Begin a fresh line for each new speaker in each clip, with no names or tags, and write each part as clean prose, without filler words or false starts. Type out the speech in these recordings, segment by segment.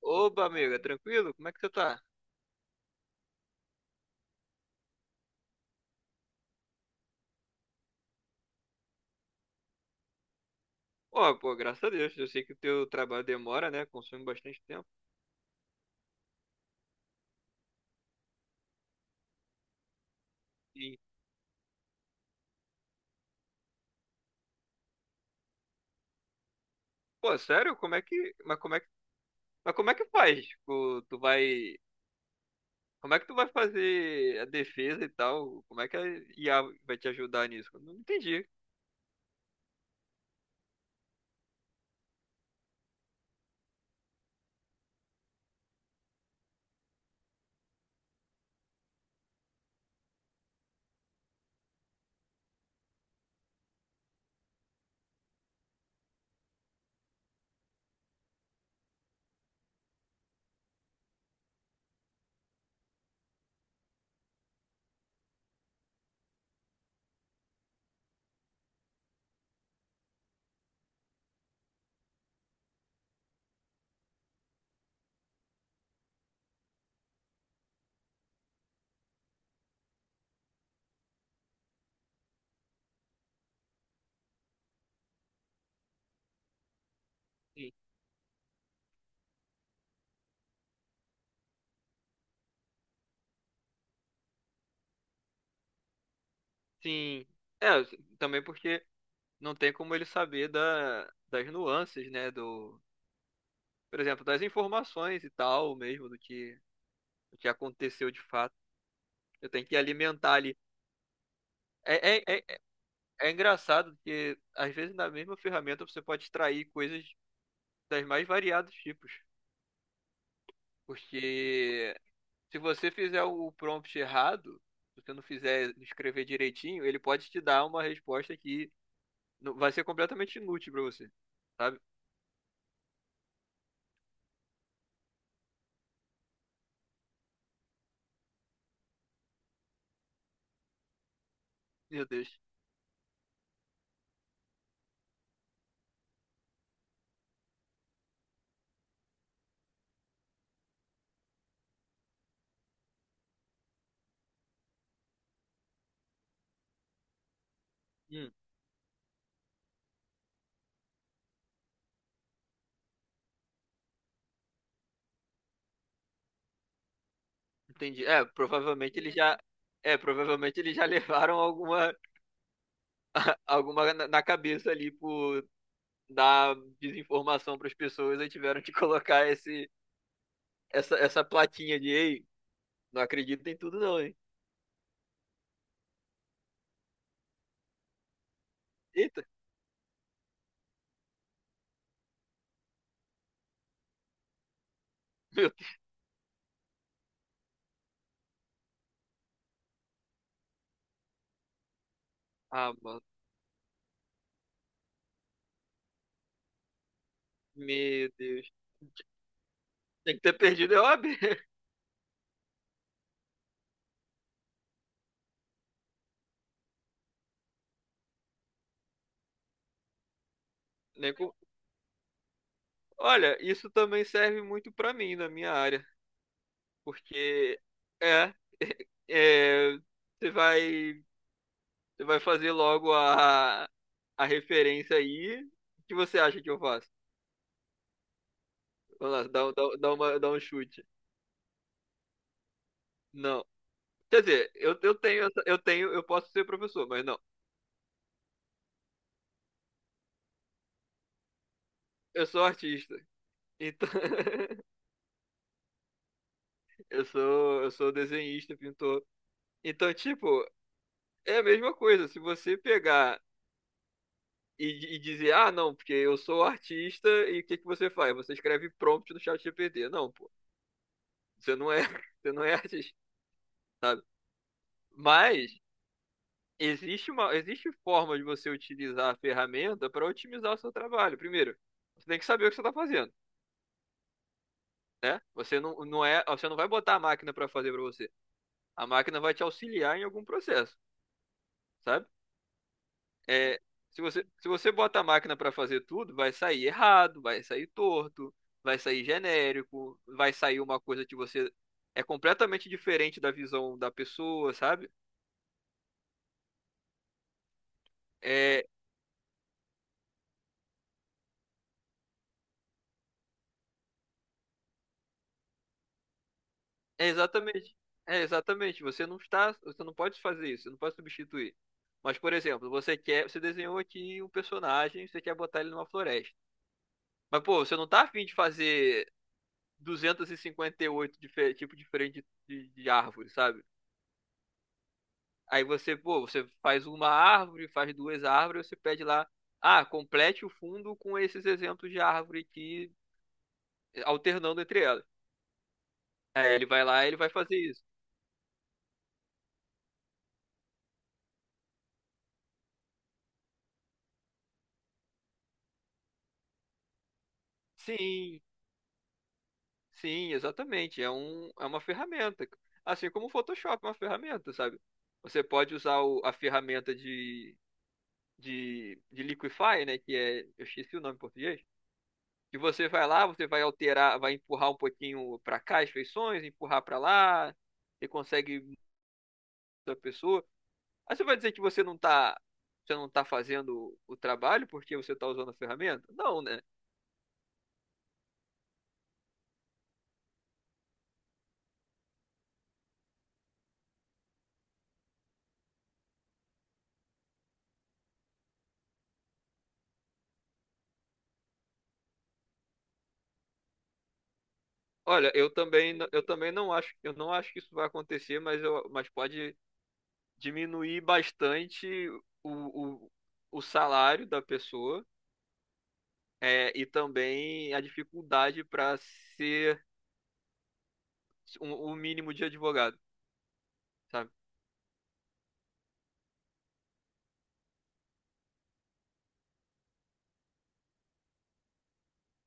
Oba, amiga, tranquilo? Como é que você tá? Ó, pô, graças a Deus. Eu sei que o teu trabalho demora, né? Consome bastante tempo. E, pô, sério? Mas como é que faz? Tipo, como é que tu vai fazer a defesa e tal? Como é que a IA vai te ajudar nisso? Eu não entendi. Sim. Sim. É, também porque não tem como ele saber das nuances, né? Por exemplo, das informações e tal, do que aconteceu de fato. Eu tenho que alimentar ali. É, é, é É engraçado porque, às vezes, na mesma ferramenta você pode extrair coisas das mais variados tipos. Porque se você fizer o prompt errado, se você não fizer, não escrever direitinho, ele pode te dar uma resposta que vai ser completamente inútil para você, sabe? Meu Deus. Hum, entendi. É, provavelmente eles já levaram alguma na cabeça ali por dar desinformação para as pessoas e tiveram que colocar esse essa, essa plaquinha de ei, não acredito em tudo, não, hein? Eita, meu Deus. Ah, mano. Meu Deus. Tem que ter perdido é O a OAB. Nem com- Olha, isso também serve muito pra mim, na minha área. Porque, é, é, você vai, você vai fazer logo a referência aí. O que você acha que eu faço? Vamos lá, dá um chute. Não. Quer dizer, eu tenho, eu posso ser professor, mas não. Eu sou artista. Então, eu sou desenhista, pintor. Então, tipo, é a mesma coisa. Se você pegar e dizer, ah, não, porque eu sou artista e o que que você faz? Você escreve prompt no chat GPT. Não, pô. Você não é, você não é artista, sabe? Mas existe forma de você utilizar a ferramenta para otimizar o seu trabalho. Primeiro, você tem que saber o que você está fazendo, né? Você não vai botar a máquina para fazer para você. A máquina vai te auxiliar em algum processo, sabe? É, se você bota a máquina para fazer tudo, vai sair errado, vai sair torto, vai sair genérico, vai sair uma coisa que você é completamente diferente da visão da pessoa, sabe? É, é exatamente, é exatamente. Você não pode fazer isso, você não pode substituir. Mas, por exemplo, você desenhou aqui um personagem, você quer botar ele numa floresta. Mas, pô, você não tá afim de fazer 258 tipo diferente de árvore, sabe? Aí você, pô, você faz uma árvore, faz duas árvores, você pede lá, ah, complete o fundo com esses exemplos de árvore aqui, alternando entre elas. Aí ele vai lá e ele vai fazer isso. Sim, sim, exatamente. É um, é uma ferramenta. Assim como o Photoshop é uma ferramenta, sabe? Você pode usar a ferramenta de Liquify, né? Que é, eu esqueci o nome em português. Que você vai lá, você vai alterar, vai empurrar um pouquinho para cá as feições, empurrar para lá. Você consegue da pessoa. Aí você vai dizer que você não tá fazendo o trabalho porque você tá usando a ferramenta? Não, né? Olha, eu também não acho, eu não acho que isso vai acontecer, mas, mas pode diminuir bastante o, o, o salário da pessoa, é, e também a dificuldade para ser o mínimo de advogado, sabe?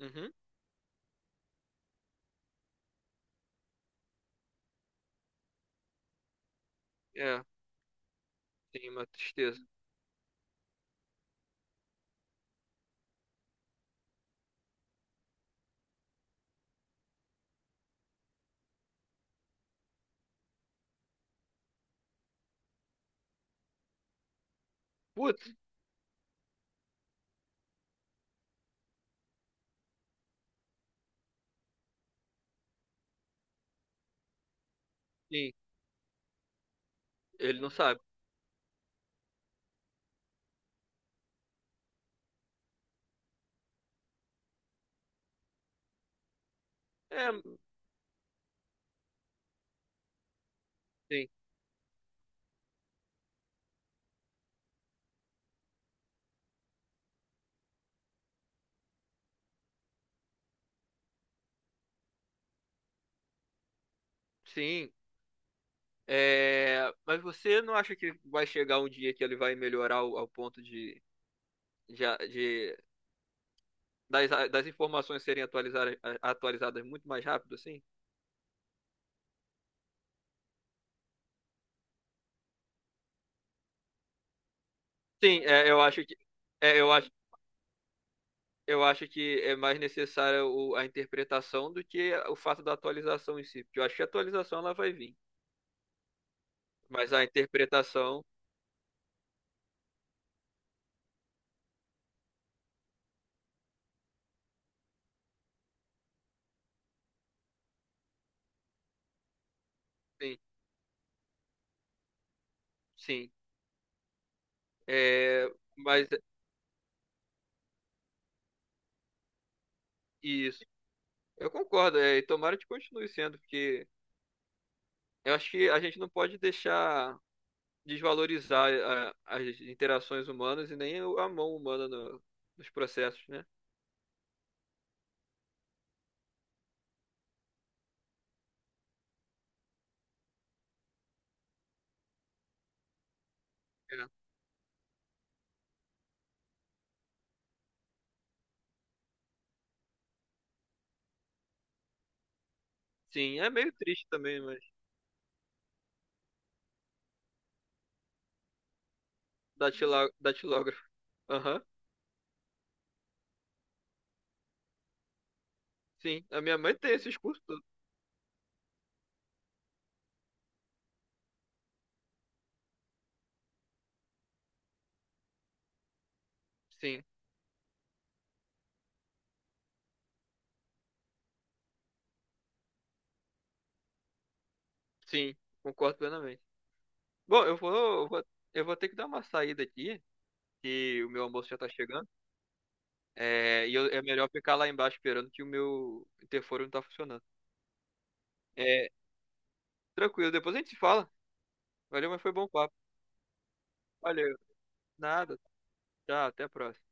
Uhum. É, tem uma tristeza. Putz, sim, ele não sabe. É, sim, sim. É, mas você não acha que vai chegar um dia que ele vai melhorar ao ponto de, de- das informações serem atualizadas muito mais rápido, assim? Sim, é, eu acho que é, eu acho, eu acho que é mais necessária a interpretação do que o fato da atualização em si. Porque eu acho que a atualização ela vai vir, mas a interpretação, sim, sim. É, mas é, isso, eu concordo. É, e tomara que continue sendo, porque eu acho que a gente não pode deixar desvalorizar as interações humanas e nem a mão humana nos processos, né? É. Sim, é meio triste também, mas datilógrafo. Aham, sim, a minha mãe tem esses cursos todos. Sim, sim, concordo plenamente. Bom, eu vou, eu vou ter que dar uma saída aqui, que o meu almoço já tá chegando. É, e é melhor ficar lá embaixo esperando que o meu interfone não tá funcionando. É, tranquilo, depois a gente se fala. Valeu, mas foi bom papo. Valeu, nada. Tchau, até a próxima.